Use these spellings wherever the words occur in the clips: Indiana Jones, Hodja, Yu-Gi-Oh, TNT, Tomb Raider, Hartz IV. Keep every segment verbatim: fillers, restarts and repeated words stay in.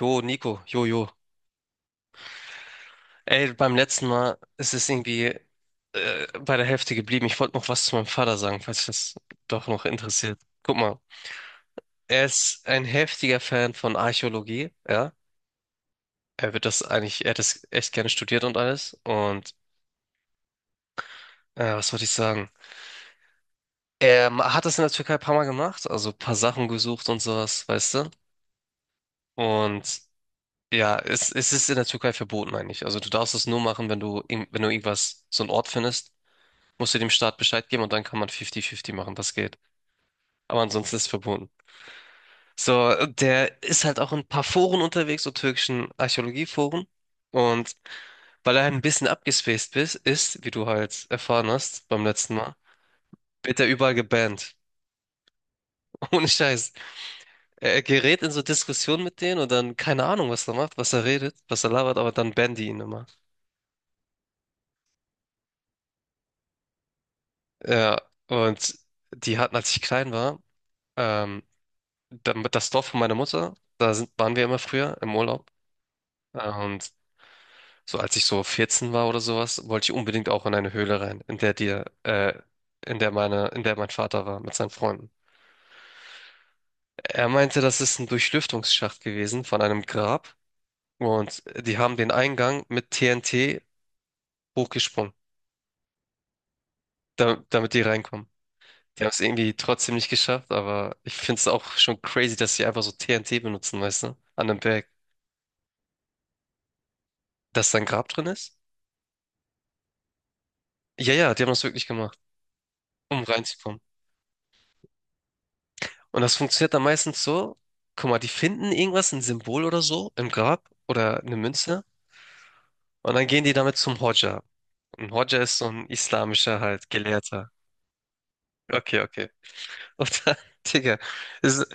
Jo, Nico, jo, jo. Ey, beim letzten Mal ist es irgendwie äh, bei der Hälfte geblieben. Ich wollte noch was zu meinem Vater sagen, falls das doch noch interessiert. Guck mal, er ist ein heftiger Fan von Archäologie, ja. Er wird das eigentlich, er hat das echt gerne studiert und alles. Und äh, was wollte ich sagen? Er ma- hat das in der Türkei ein paar Mal gemacht, also ein paar Sachen gesucht und sowas, weißt du? Und ja, es, es ist in der Türkei verboten eigentlich. Also du darfst es nur machen, wenn du, irgend- wenn du irgendwas, so einen Ort findest. Musst du dem Staat Bescheid geben und dann kann man fifty fifty machen, das geht. Aber ansonsten ist es verboten. So, der ist halt auch in ein paar Foren unterwegs, so türkischen Archäologieforen. Und weil er halt ein bisschen abgespaced ist, ist, wie du halt erfahren hast beim letzten Mal, wird er überall gebannt. Ohne Scheiß. Er gerät in so Diskussionen mit denen und dann keine Ahnung, was er macht, was er redet, was er labert, aber dann bannen die ihn immer. Ja, und die hatten, als ich klein war, ähm, dann- das Dorf von meiner Mutter, da sind, waren wir immer früher im Urlaub. Und so als ich so vierzehn war oder sowas, wollte ich unbedingt auch in eine Höhle rein, in der dir, äh, in der meine, in der mein Vater war mit seinen Freunden. Er meinte, das ist ein Durchlüftungsschacht gewesen von einem Grab und die haben den Eingang mit T N T hochgesprungen, da, damit die reinkommen. Die haben es irgendwie trotzdem nicht geschafft, aber ich finde es auch schon crazy, dass sie einfach so T N T benutzen, weißt du, an einem Berg, dass da ein Grab drin ist. Ja, ja, die haben das wirklich gemacht, um reinzukommen. Und das funktioniert dann meistens so, guck mal, die finden irgendwas, ein Symbol oder so im Grab oder eine Münze, und dann gehen die damit zum Hodja. Und Hodja ist so ein islamischer halt Gelehrter. Okay, okay. Und dann, Digga, ist,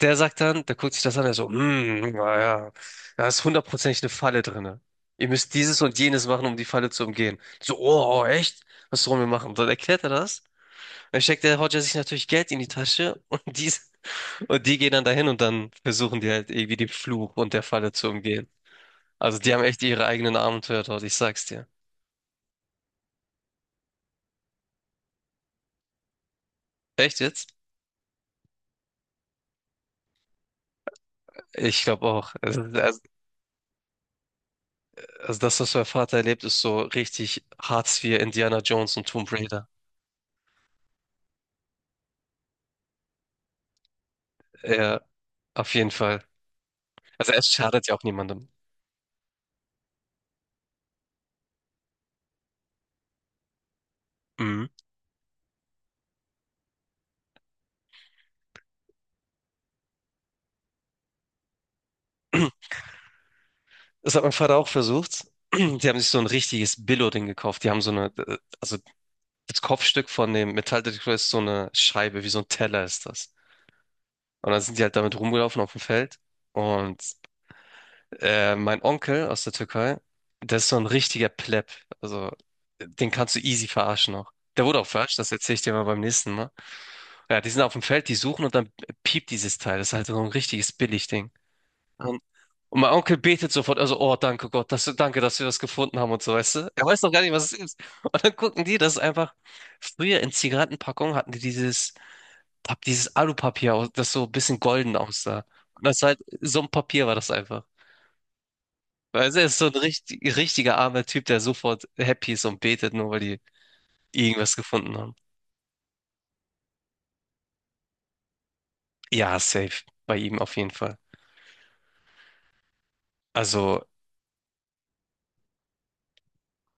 der sagt dann, der guckt sich das an, der so, hm, naja, da ist hundertprozentig eine Falle drinne. Ihr müsst dieses und jenes machen, um die Falle zu umgehen. So, oh, oh, echt? Was sollen wir machen? Und dann erklärt er das. Dann steckt der Hodja sich natürlich Geld in die Tasche, und die, und die gehen dann dahin und dann versuchen die halt irgendwie den Fluch und der Falle zu umgehen. Also die haben echt ihre eigenen Abenteuer dort, ich sag's dir. Echt jetzt? Ich glaube auch. Also, also also das, was mein Vater erlebt, ist so richtig Hartz IV, Indiana Jones und Tomb Raider. Ja, auf jeden Fall. Also es schadet ja auch niemandem. Mhm. Das hat mein Vater auch versucht. Die haben sich so ein richtiges Billo-Ding gekauft. Die haben so eine, äh, also das Kopfstück von dem Metalldetektor ist so eine Scheibe, wie so ein Teller ist das. Und dann sind die halt damit rumgelaufen auf dem Feld. Und äh, mein Onkel aus der Türkei, der ist so ein richtiger Pleb. Also, den kannst du easy verarschen noch. Der wurde auch verarscht, das erzähle ich dir mal beim nächsten Mal. Ja, die sind auf dem Feld, die suchen und dann piept dieses Teil. Das ist halt so ein richtiges Billigding. Und, und mein Onkel betet sofort, also, oh, danke Gott, dass, du- danke, dass wir das gefunden haben und so, weißt du? Er weiß noch gar nicht, was es ist. Und dann gucken die, das ist einfach, früher in Zigarettenpackungen hatten die dieses Pap- dieses Alupapier, aus- das so ein bisschen golden aussah. Und das war halt, so ein Papier war das einfach. Also er ist so ein richtig, richtiger armer Typ, der sofort happy ist und betet, nur weil die irgendwas gefunden haben. Ja, safe. Bei ihm auf jeden Fall. Also,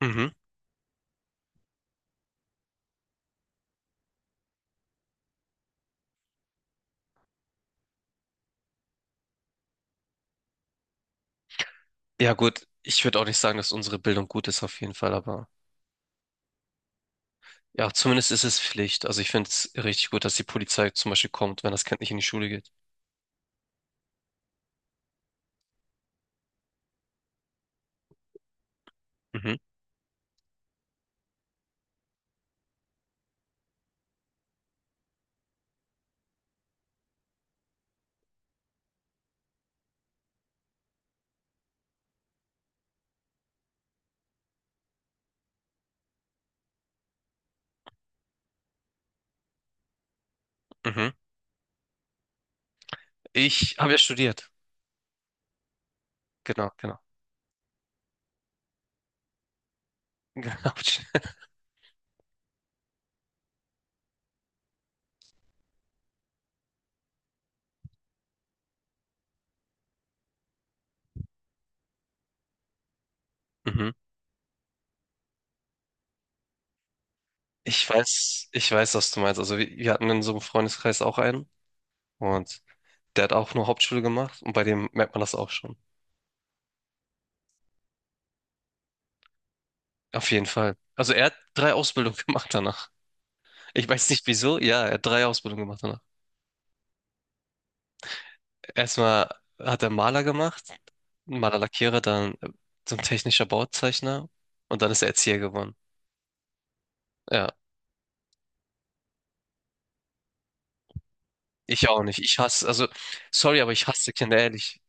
mhm. Ja, gut. Ich würde auch nicht sagen, dass unsere Bildung gut ist, auf jeden Fall, aber ja, zumindest ist es Pflicht. Also ich finde es richtig gut, dass die Polizei zum Beispiel kommt, wenn das Kind nicht in die Schule geht. Mhm, mhm. Ich habe ja studiert. Genau, genau. Genau. Mhm. Ich weiß, ich weiß, was du meinst. Also wir, wir hatten in so einem Freundeskreis auch einen, und der hat auch nur Hauptschule gemacht und bei dem merkt man das auch schon. Auf jeden Fall. Also er hat drei Ausbildungen gemacht danach. Ich weiß nicht wieso. Ja, er hat drei Ausbildungen gemacht danach. Erstmal hat er Maler gemacht, Malerlackierer, dann äh, so ein technischer Bauzeichner und dann ist er Erzieher geworden. Ja, ich auch nicht. Ich hasse, also sorry, aber ich hasse Kinder, ehrlich.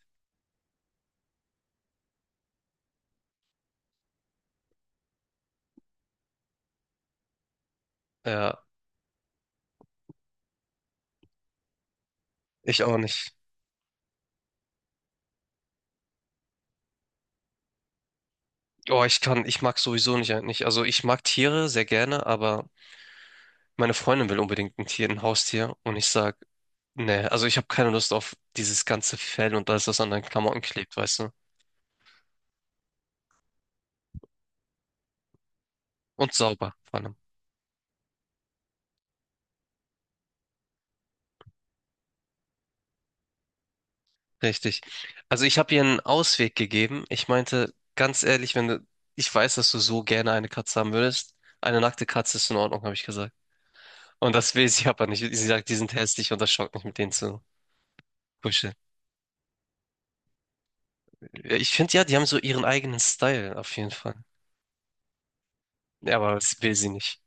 Ja, ich auch nicht. Oh, ich kann, ich mag sowieso nicht eigentlich. Also ich mag Tiere sehr gerne, aber meine Freundin will unbedingt ein Tier, ein Haustier, und ich sag, nee, also ich habe keine Lust auf dieses ganze Fell und alles, was an deinen Klamotten klebt, weißt du? Und sauber, vor allem. Richtig. Also ich habe ihr einen Ausweg gegeben. Ich meinte, ganz ehrlich, wenn du, ich weiß, dass du so gerne eine Katze haben würdest. Eine nackte Katze ist in Ordnung, habe ich gesagt. Und das will sie aber nicht. Sie sagt, die sind hässlich und das schockt mich, mit denen zu kuscheln. Ich finde ja, die haben so ihren eigenen Style, auf jeden Fall. Ja, aber das will sie nicht.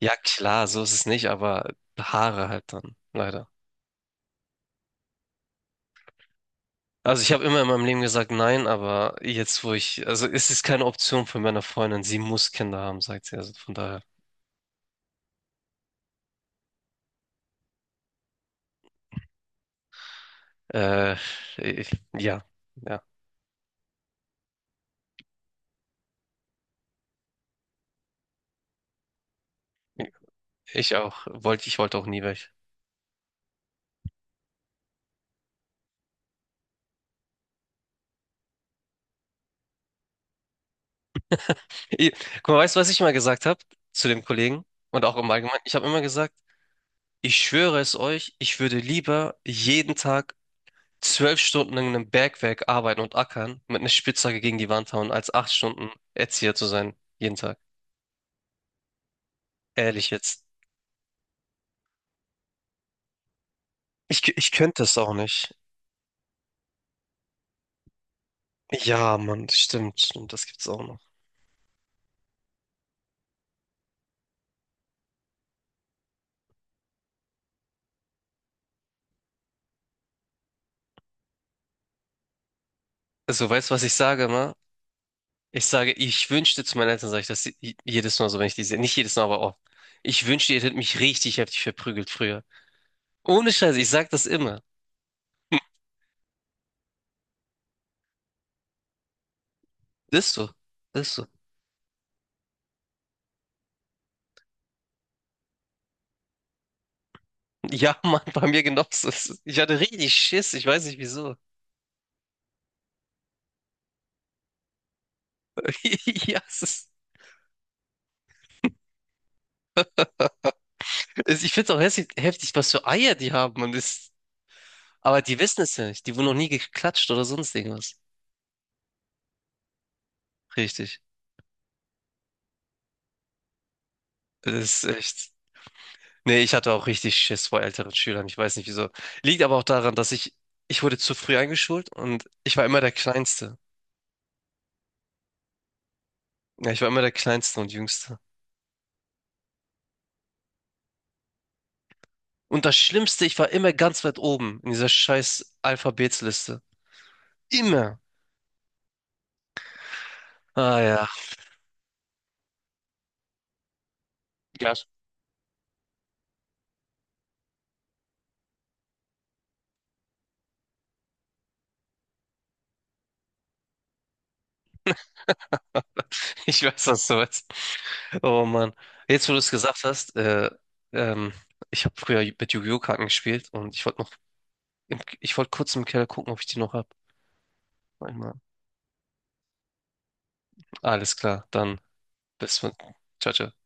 Ja, klar, so ist es nicht, aber Haare halt dann, leider. Also ich habe immer in meinem Leben gesagt nein, aber jetzt wo ich, also es ist keine Option für meine Freundin, sie muss Kinder haben, sagt sie. Also von daher, äh, ich, ja, ja. Ich auch, wollte, ich wollte auch nie weg. Ich, guck mal, weißt du, was ich immer gesagt habe zu dem Kollegen und auch im Allgemeinen? Ich habe immer gesagt, ich schwöre es euch, ich würde lieber jeden Tag zwölf Stunden in einem Bergwerk arbeiten und ackern, mit einer Spitzhacke gegen die Wand hauen, als acht Stunden Erzieher zu sein, jeden Tag. Ehrlich jetzt. Ich, k- ich könnte es auch nicht. Ja, Mann, stimmt, stimmt, das gibt's auch noch. Also, weißt du, was ich sage immer? Ich sage, ich wünschte zu meinen Eltern, sage ich das i- jedes Mal so, wenn ich die sehe. Nicht jedes Mal, aber oft. Ich wünschte, ihr hättet mich richtig heftig verprügelt früher. Ohne Scheiße, ich sag das immer. Das ist so. Das ist so. Ja, Mann, bei mir genauso. Es ist- Ich hatte richtig Schiss, ich weiß nicht wieso. Ja, es ist. Also ich finde es auch hässlich, heftig, was für Eier die haben. Und ist, aber die wissen es ja nicht. Die wurden noch nie geklatscht oder sonst irgendwas. Richtig. Das ist echt. Nee, ich hatte auch richtig Schiss vor älteren Schülern. Ich weiß nicht wieso. Liegt aber auch daran, dass ich, ich wurde zu früh eingeschult und ich war immer der Kleinste. Ja, ich war immer der Kleinste und Jüngste. Und das Schlimmste, ich war immer ganz weit oben in dieser scheiß Alphabetsliste. Immer. Ah ja. Ja. Ich weiß, was du meinst. Oh Mann. Jetzt, wo du es gesagt hast, äh, ähm, ich habe früher mit Yu-Gi-Oh! Karten gespielt und ich wollte noch, im, ich wollte kurz im Keller gucken, ob ich die noch hab. Einmal. Alles klar, dann bis, ciao, ciao.